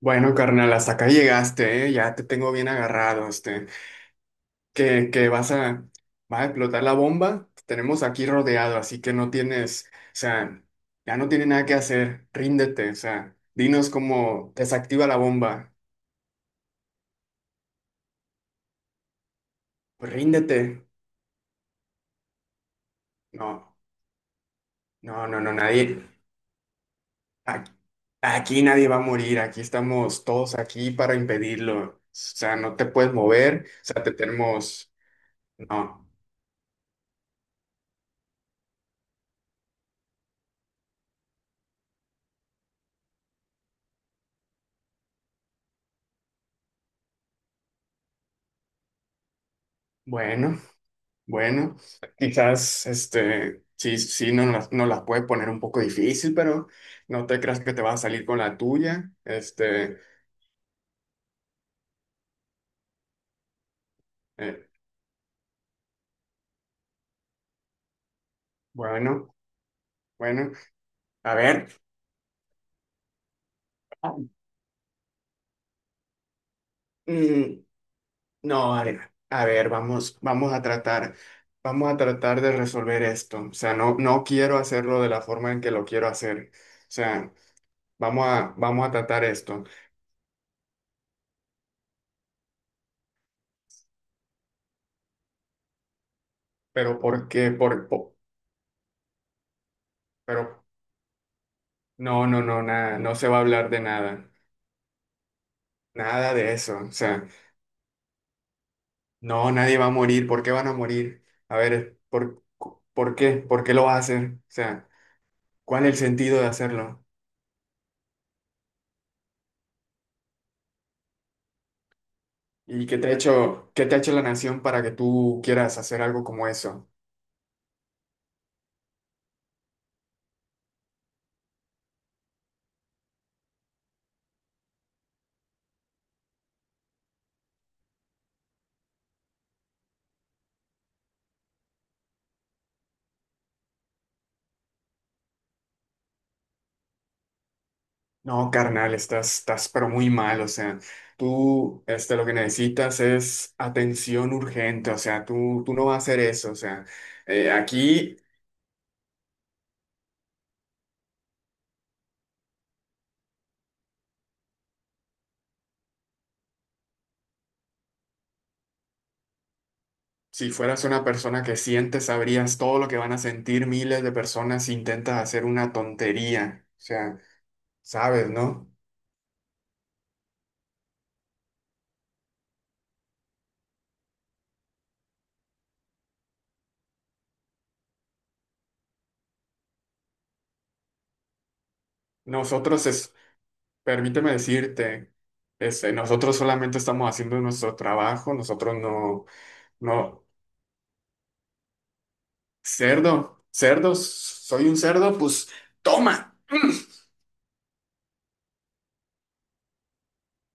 Bueno, carnal, hasta acá llegaste, ¿eh? Ya te tengo bien agarrado, este, que vas a, va a explotar la bomba, te tenemos aquí rodeado, así que no tienes, o sea, ya no tiene nada que hacer, ríndete, o sea, dinos cómo desactiva la bomba, pues ríndete, no, no, nadie, a- aquí nadie va a morir, aquí estamos todos aquí para impedirlo, o sea, no te puedes mover, o sea, te tenemos, no, bueno. Bueno, quizás este, sí, no las puedes poner un poco difícil, pero no te creas que te vas a salir con la tuya. Este, eh, bueno, bueno, a ver. ah, Mm, no, a ver, vamos, vamos a tratar de resolver esto. O sea, no quiero hacerlo de la forma en que lo quiero hacer. O sea, vamos a tratar esto. Pero ¿por qué? Pero no, nada, no se va a hablar de nada. Nada de eso. O sea, no, nadie va a morir. ¿Por qué van a morir? A ver, ¿por qué? ¿Por qué lo vas a hacer? O sea, ¿cuál es el sentido de hacerlo? ¿Y qué te ha hecho, qué te ha hecho la nación para que tú quieras hacer algo como eso? No, carnal, estás pero muy mal. O sea, tú, este, lo que necesitas es atención urgente. O sea, tú no vas a hacer eso. O sea, aquí. Si fueras una persona que siente, sabrías todo lo que van a sentir miles de personas si intentas hacer una tontería. O sea, sabes, ¿no? Nosotros, es, permíteme decirte, este, nosotros solamente estamos haciendo nuestro trabajo, nosotros no, no, cerdo, cerdos, soy un cerdo, pues toma.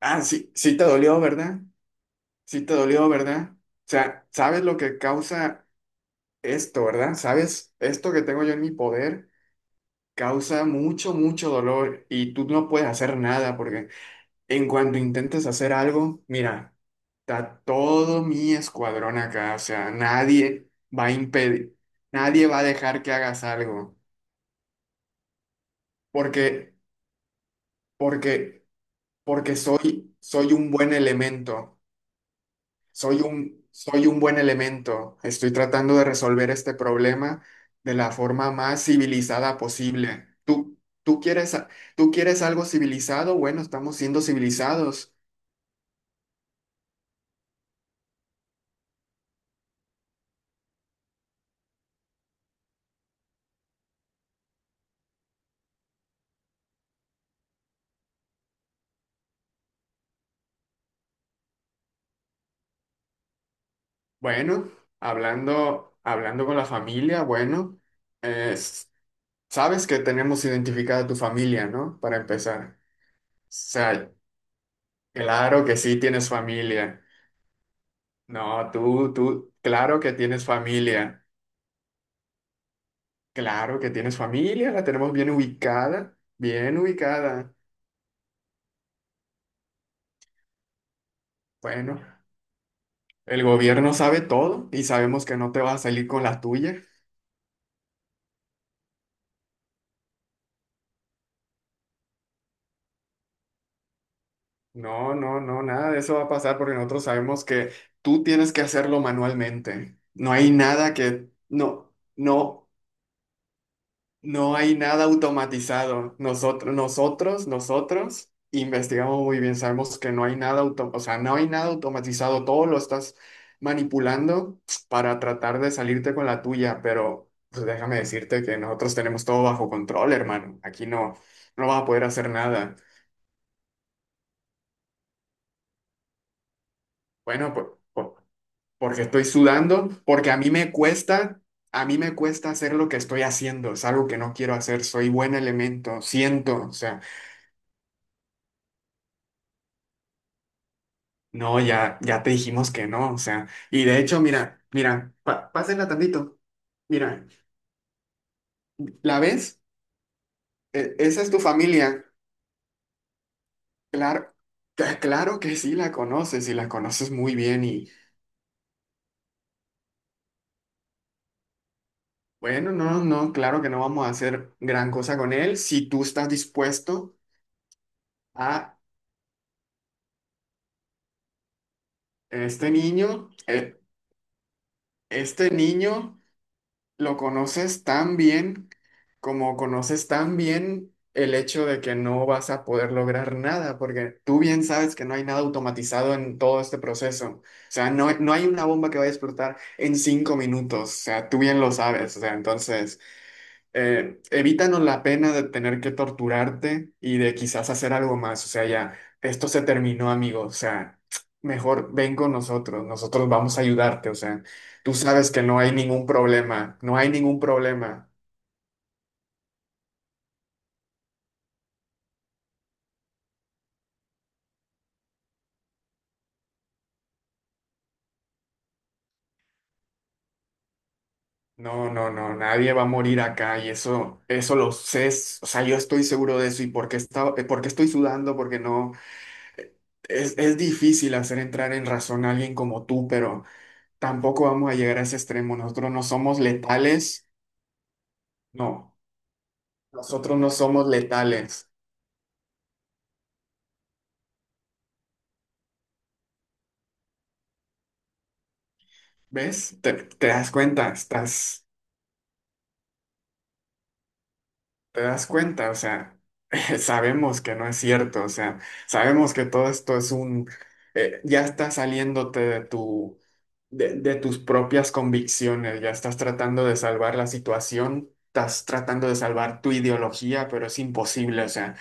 Ah, sí, sí te dolió, ¿verdad? Sí te dolió, ¿verdad? O sea, ¿sabes lo que causa esto, verdad? ¿Sabes esto que tengo yo en mi poder? Causa mucho, mucho dolor y tú no puedes hacer nada porque en cuanto intentes hacer algo, mira, está todo mi escuadrón acá, o sea, nadie va a impedir, nadie va a dejar que hagas algo porque, porque, porque soy, soy un buen elemento. Soy un buen elemento. Estoy tratando de resolver este problema de la forma más civilizada posible. ¿Tú, tú quieres algo civilizado? Bueno, estamos siendo civilizados. Bueno, hablando, hablando con la familia, bueno, es- sabes que tenemos identificada a tu familia, ¿no? Para empezar. O sea, claro que sí tienes familia. No, tú, claro que tienes familia. Claro que tienes familia, la tenemos bien ubicada, bien ubicada. Bueno, el gobierno sabe todo y sabemos que no te vas a salir con la tuya. No, nada de eso va a pasar porque nosotros sabemos que tú tienes que hacerlo manualmente. No hay nada que, no, no. No hay nada automatizado. Nosotros investigamos muy bien. Sabemos que no hay nada auto, o sea, no hay nada automatizado. Todo lo estás manipulando para tratar de salirte con la tuya, pero pues déjame decirte que nosotros tenemos todo bajo control, hermano. Aquí no, no vas a poder hacer nada. Bueno, porque estoy sudando, porque a mí me cuesta, a mí me cuesta hacer lo que estoy haciendo. Es algo que no quiero hacer. Soy buen elemento, siento, o sea. No, ya, ya te dijimos que no, o sea, y de hecho, mira, mira, pásenla tantito. Mira, ¿la ves? Esa es tu familia. Claro, claro que sí la conoces y la conoces muy bien y bueno, no, no, claro que no vamos a hacer gran cosa con él si tú estás dispuesto a este niño, eh, este niño. Lo conoces tan bien como conoces tan bien el hecho de que no vas a poder lograr nada, porque tú bien sabes que no hay nada automatizado en todo este proceso. O sea, no, no hay una bomba que vaya a explotar en cinco minutos. O sea, tú bien lo sabes. O sea, entonces evítanos la pena de tener que torturarte y de quizás hacer algo más. O sea, ya, esto se terminó, amigo. O sea, mejor ven con nosotros, nosotros vamos a ayudarte. O sea, tú sabes que no hay ningún problema, no hay ningún problema. No, nadie va a morir acá y eso lo sé. O sea, yo estoy seguro de eso y porque está, porque estoy sudando, porque no. eh, es difícil hacer entrar en razón a alguien como tú, pero tampoco vamos a llegar a ese extremo. Nosotros no somos letales. No, nosotros no somos letales. ¿Ves? Te das cuenta, estás, te das cuenta, o sea, sabemos que no es cierto, o sea, sabemos que todo esto es un, ya estás saliéndote de tu, de tus propias convicciones, ya estás tratando de salvar la situación, estás tratando de salvar tu ideología, pero es imposible, o sea,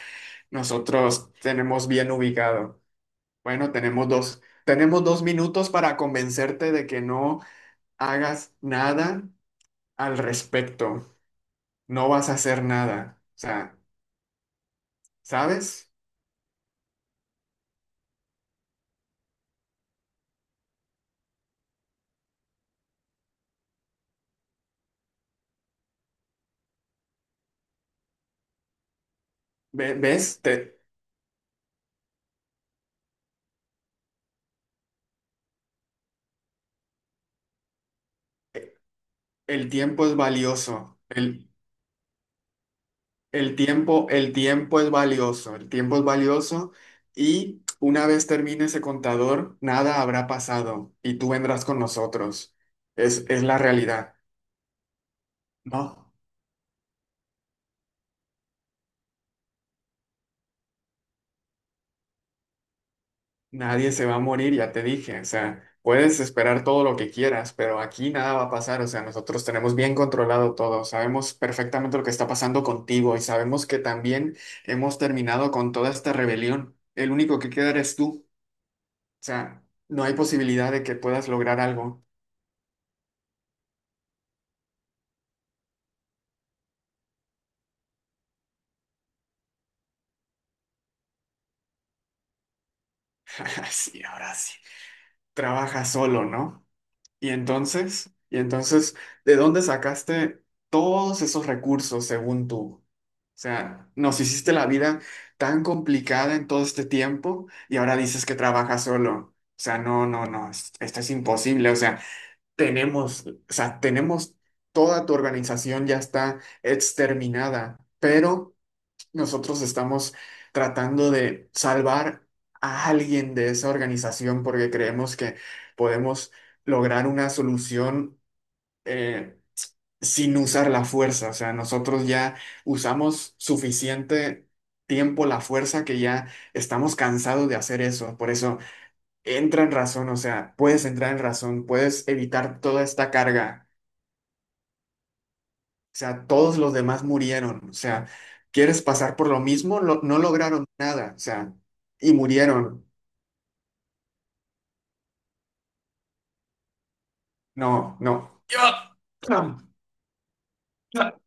nosotros tenemos bien ubicado. Bueno, tenemos dos minutos para convencerte de que no hagas nada al respecto. No vas a hacer nada. O sea, ¿sabes? ¿Ves? El tiempo es valioso. El, el tiempo es valioso. El tiempo es valioso y una vez termine ese contador, nada habrá pasado y tú vendrás con nosotros. Es la realidad, ¿no? Nadie se va a morir, ya te dije. O sea, puedes esperar todo lo que quieras, pero aquí nada va a pasar. O sea, nosotros tenemos bien controlado todo. Sabemos perfectamente lo que está pasando contigo y sabemos que también hemos terminado con toda esta rebelión. El único que queda eres tú. O sea, no hay posibilidad de que puedas lograr algo. Sí, ahora sí. Trabaja solo, ¿no? Y entonces, ¿de dónde sacaste todos esos recursos según tú? O sea, nos hiciste la vida tan complicada en todo este tiempo y ahora dices que trabajas solo. O sea, no, esto es imposible. O sea, tenemos toda tu organización ya está exterminada, pero nosotros estamos tratando de salvar a alguien de esa organización porque creemos que podemos lograr una solución. eh, Sin usar la fuerza. O sea, nosotros ya usamos suficiente tiempo la fuerza que ya estamos cansados de hacer eso. Por eso entra en razón, o sea, puedes entrar en razón, puedes evitar toda esta carga. O sea, todos los demás murieron. O sea, ¿quieres pasar por lo mismo? No lograron nada. O sea, y murieron. No, no.